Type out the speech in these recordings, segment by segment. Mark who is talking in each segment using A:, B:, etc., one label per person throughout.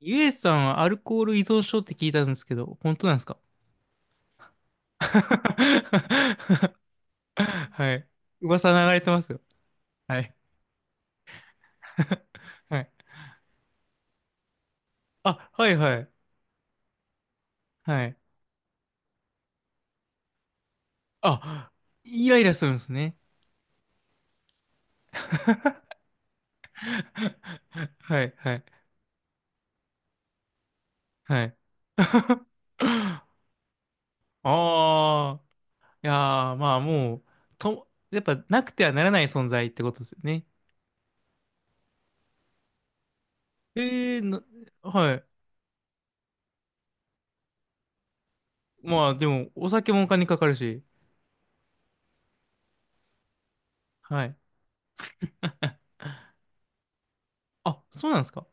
A: ゆえさんはアルコール依存症って聞いたんですけど、本当なんですか？ はい。噂流れてますよ。はい。はい。あ、はいはい。はい。あ、イライラするんですね。はいはいはい。ああ、いやー、まあもう、やっぱなくてはならない存在ってことですよね。ええー、はい。まあでも、お酒もお金かかるし。はい。あ、そうなんですか？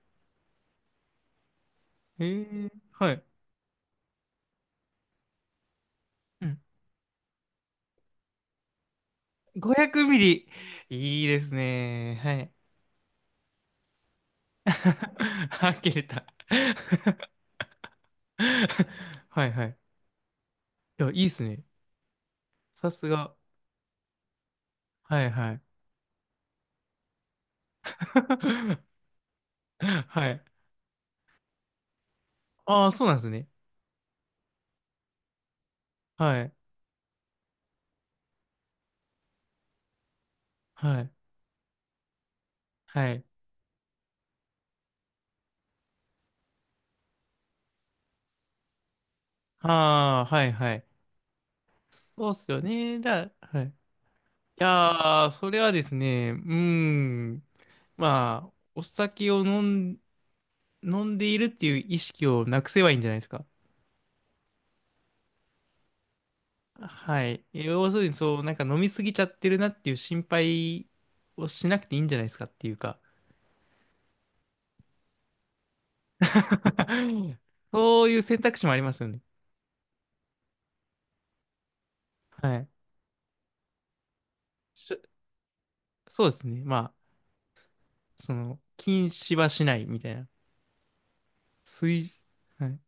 A: はい。うん。500ミリ。いいですね。はい。あ、切れた。はいはい。いや、いいっすね。さすが。はいはい。はい。ああ、そうなんですね。はい。はい。はい。ああ、はいはい。そうっすよね。はい。いやー、それはですね、うーん。まあ、お酒をん、飲んでいるっていう意識をなくせばいいんじゃないですか。はい。要するに、そう、なんか飲みすぎちゃってるなっていう心配をしなくていいんじゃないですかっていうか。そういう選択肢もありますよね。はい。しそうですね。まあ、禁止はしないみたいな。推、はい。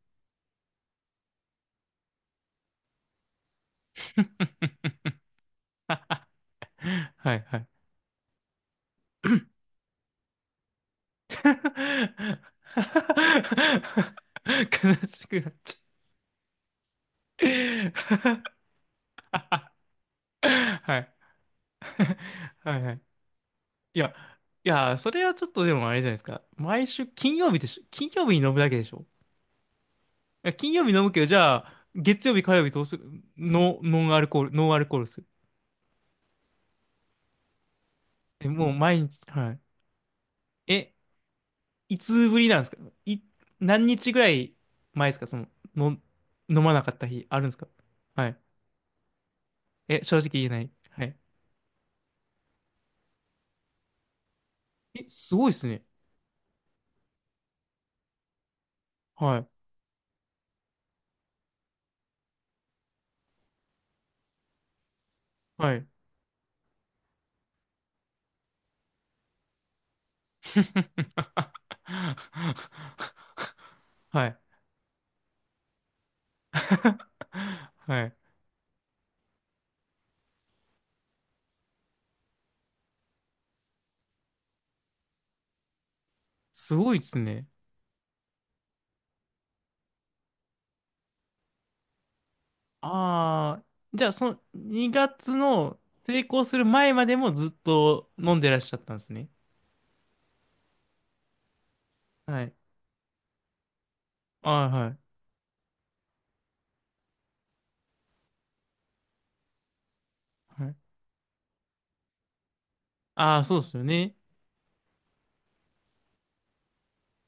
A: はい、はい。悲しくなっちゃう。 はい。はい、はい。いや、いや、それはちょっとでもあれじゃないですか。毎週金曜日でしょ？金曜日に飲むだけでしょ？いや、金曜日飲むけど、じゃあ、月曜日、火曜日どうする？ノンアルコールする。え、もう毎日、はい。え、いつぶりなんですか？い、何日ぐらい前ですか？の、飲まなかった日あるんですか？はい。え、正直言えない。はい。え、すごいですね。はい。はい。はい。はい。すごいですね。ああ、じゃあその2月の成功する前までもずっと飲んでらっしゃったんですね。はい。ああ、はい。はい。ああ、そうですよね。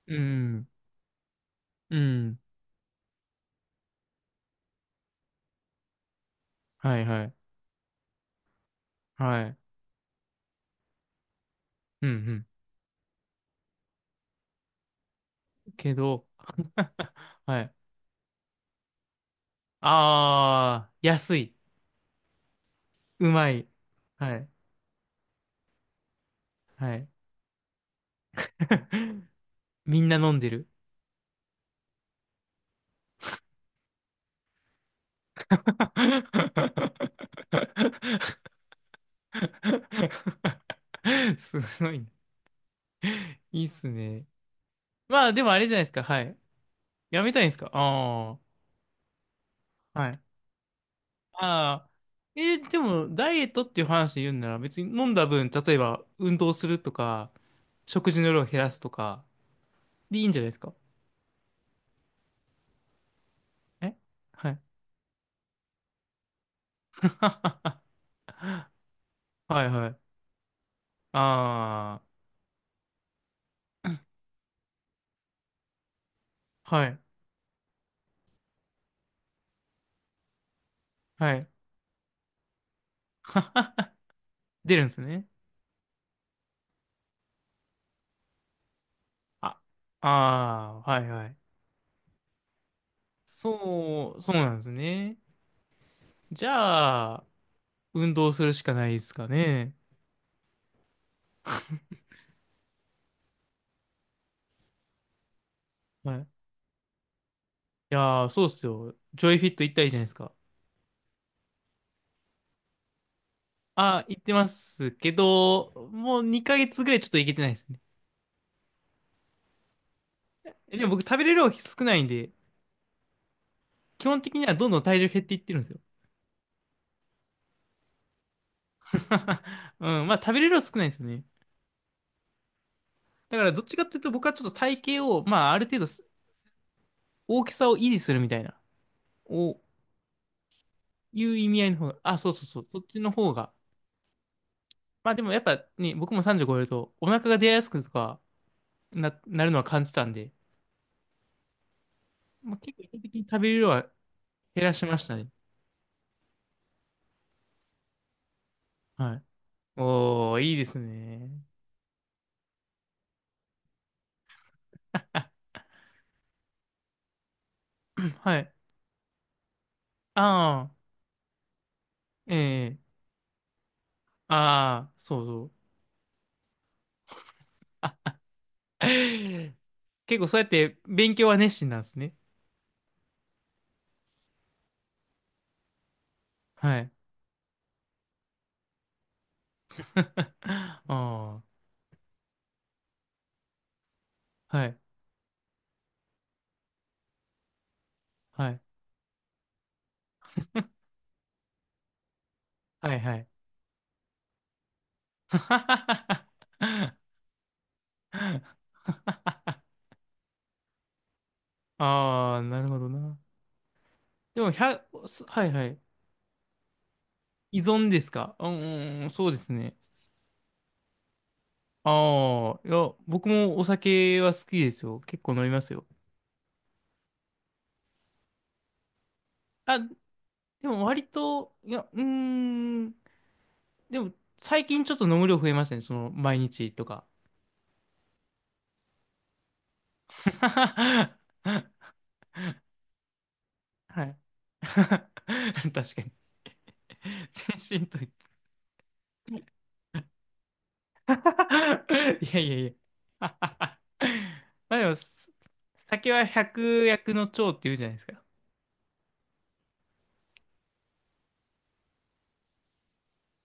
A: うん。うん。はいはい。はい。うんうん。けど、はい。ああ、安い。うまい。はい。はい。みんな飲んでる。すごいね。いいっすね。まあ、でもあれじゃないですか。はい。やめたいんですか？ああー。はい。ああ。でも、ダイエットっていう話で言うんなら、別に飲んだ分、例えば、運動するとか、食事の量を減らすとか、でいいんじゃないですか？えはい。はいはい。ああ。はい。はい。出るんですね。あ、ああ、はいはい。そう、そうなんですね。じゃあ、運動するしかないですかね。はい。いやー、そうっすよ。ジョイフィット行ったらいいじゃないですか。あー、行ってますけど、もう2ヶ月ぐらいちょっと行けてないですね。でも僕食べれる量少ないんで、基本的にはどんどん体重減っていってるんですよ。うん、まあ食べれる量少ないんですよね。だからどっちかっていうと僕はちょっと体型を、まあある程度大きさを維持するみたいな、をいう意味合いの方が、あ、そうそうそう、そっちの方が。まあでもやっぱね、僕も30超えるとお腹が出やすくとかなるのは感じたんで、まあ、結構意図的に食べれる量は減らしましたね。はい。おー、いいですね。あ、はい。ああ、ええ、ああ、そうそう。結構そうやって勉強は熱心なんですね。はい。ああ、はい、はい、はい、はい。ああ、なるほどな。でも、ひゃ…すはい、はい。依存ですか？うん、うん、そうですね。ああ、いや、僕もお酒は好きですよ。結構飲みますよ。あ、でも割と、いや、うーん、でも、最近ちょっと飲む量増えましたね。毎日とか。はい。確かに。全身と言って。いやいやいや。まあでも、酒は百薬の長って言うじゃないですか。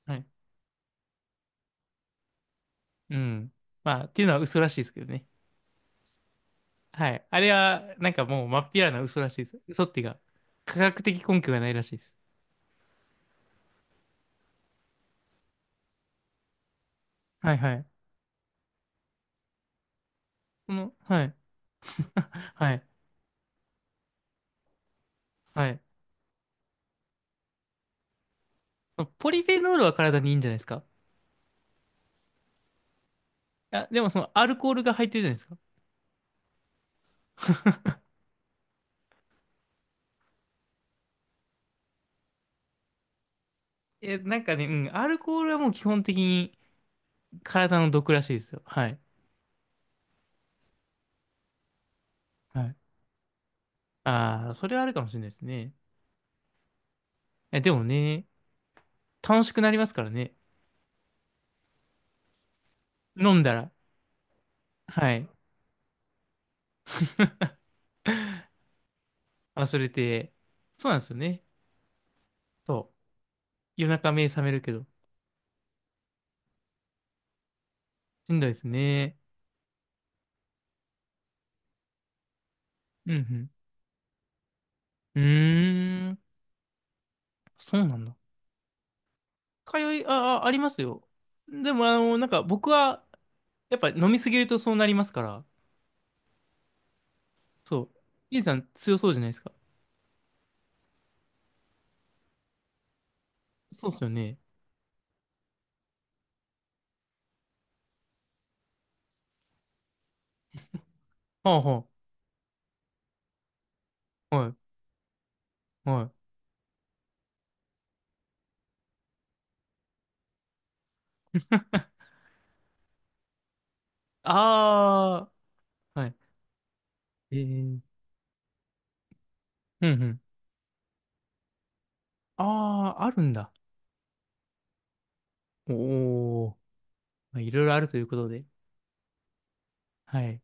A: はい。うん。まあ、っていうのは嘘らしいですけどね。はい。あれは、なんかもう、まっぴらな嘘らしいです。嘘っていうか、科学的根拠がないらしいです。はいはい。はい。はい。はい。ポリフェノールは体にいいんじゃないですか？あ、でもそのアルコールが入ってるじゃないですか。え、なんかね、うん、アルコールはもう基本的に体の毒らしいですよ。はい。はい。ああ、それはあるかもしれないですね。え、でもね、楽しくなりますからね。飲んだら。はい。忘れて。そうなんですよね。そう。夜中目覚めるけど。しんどいですね。うんうん。うーん。そうなんだ。あ、あ、ありますよ。でも、なんか僕は、やっぱ飲みすぎるとそうなりますから。そう。イエさん強そうじゃないですか。そうっすよね。はあはあ。はい。はい。ああ、はい。ええ、うんうん。ああ、あるんだ。おお、まあ、いろいろあるということで。はい。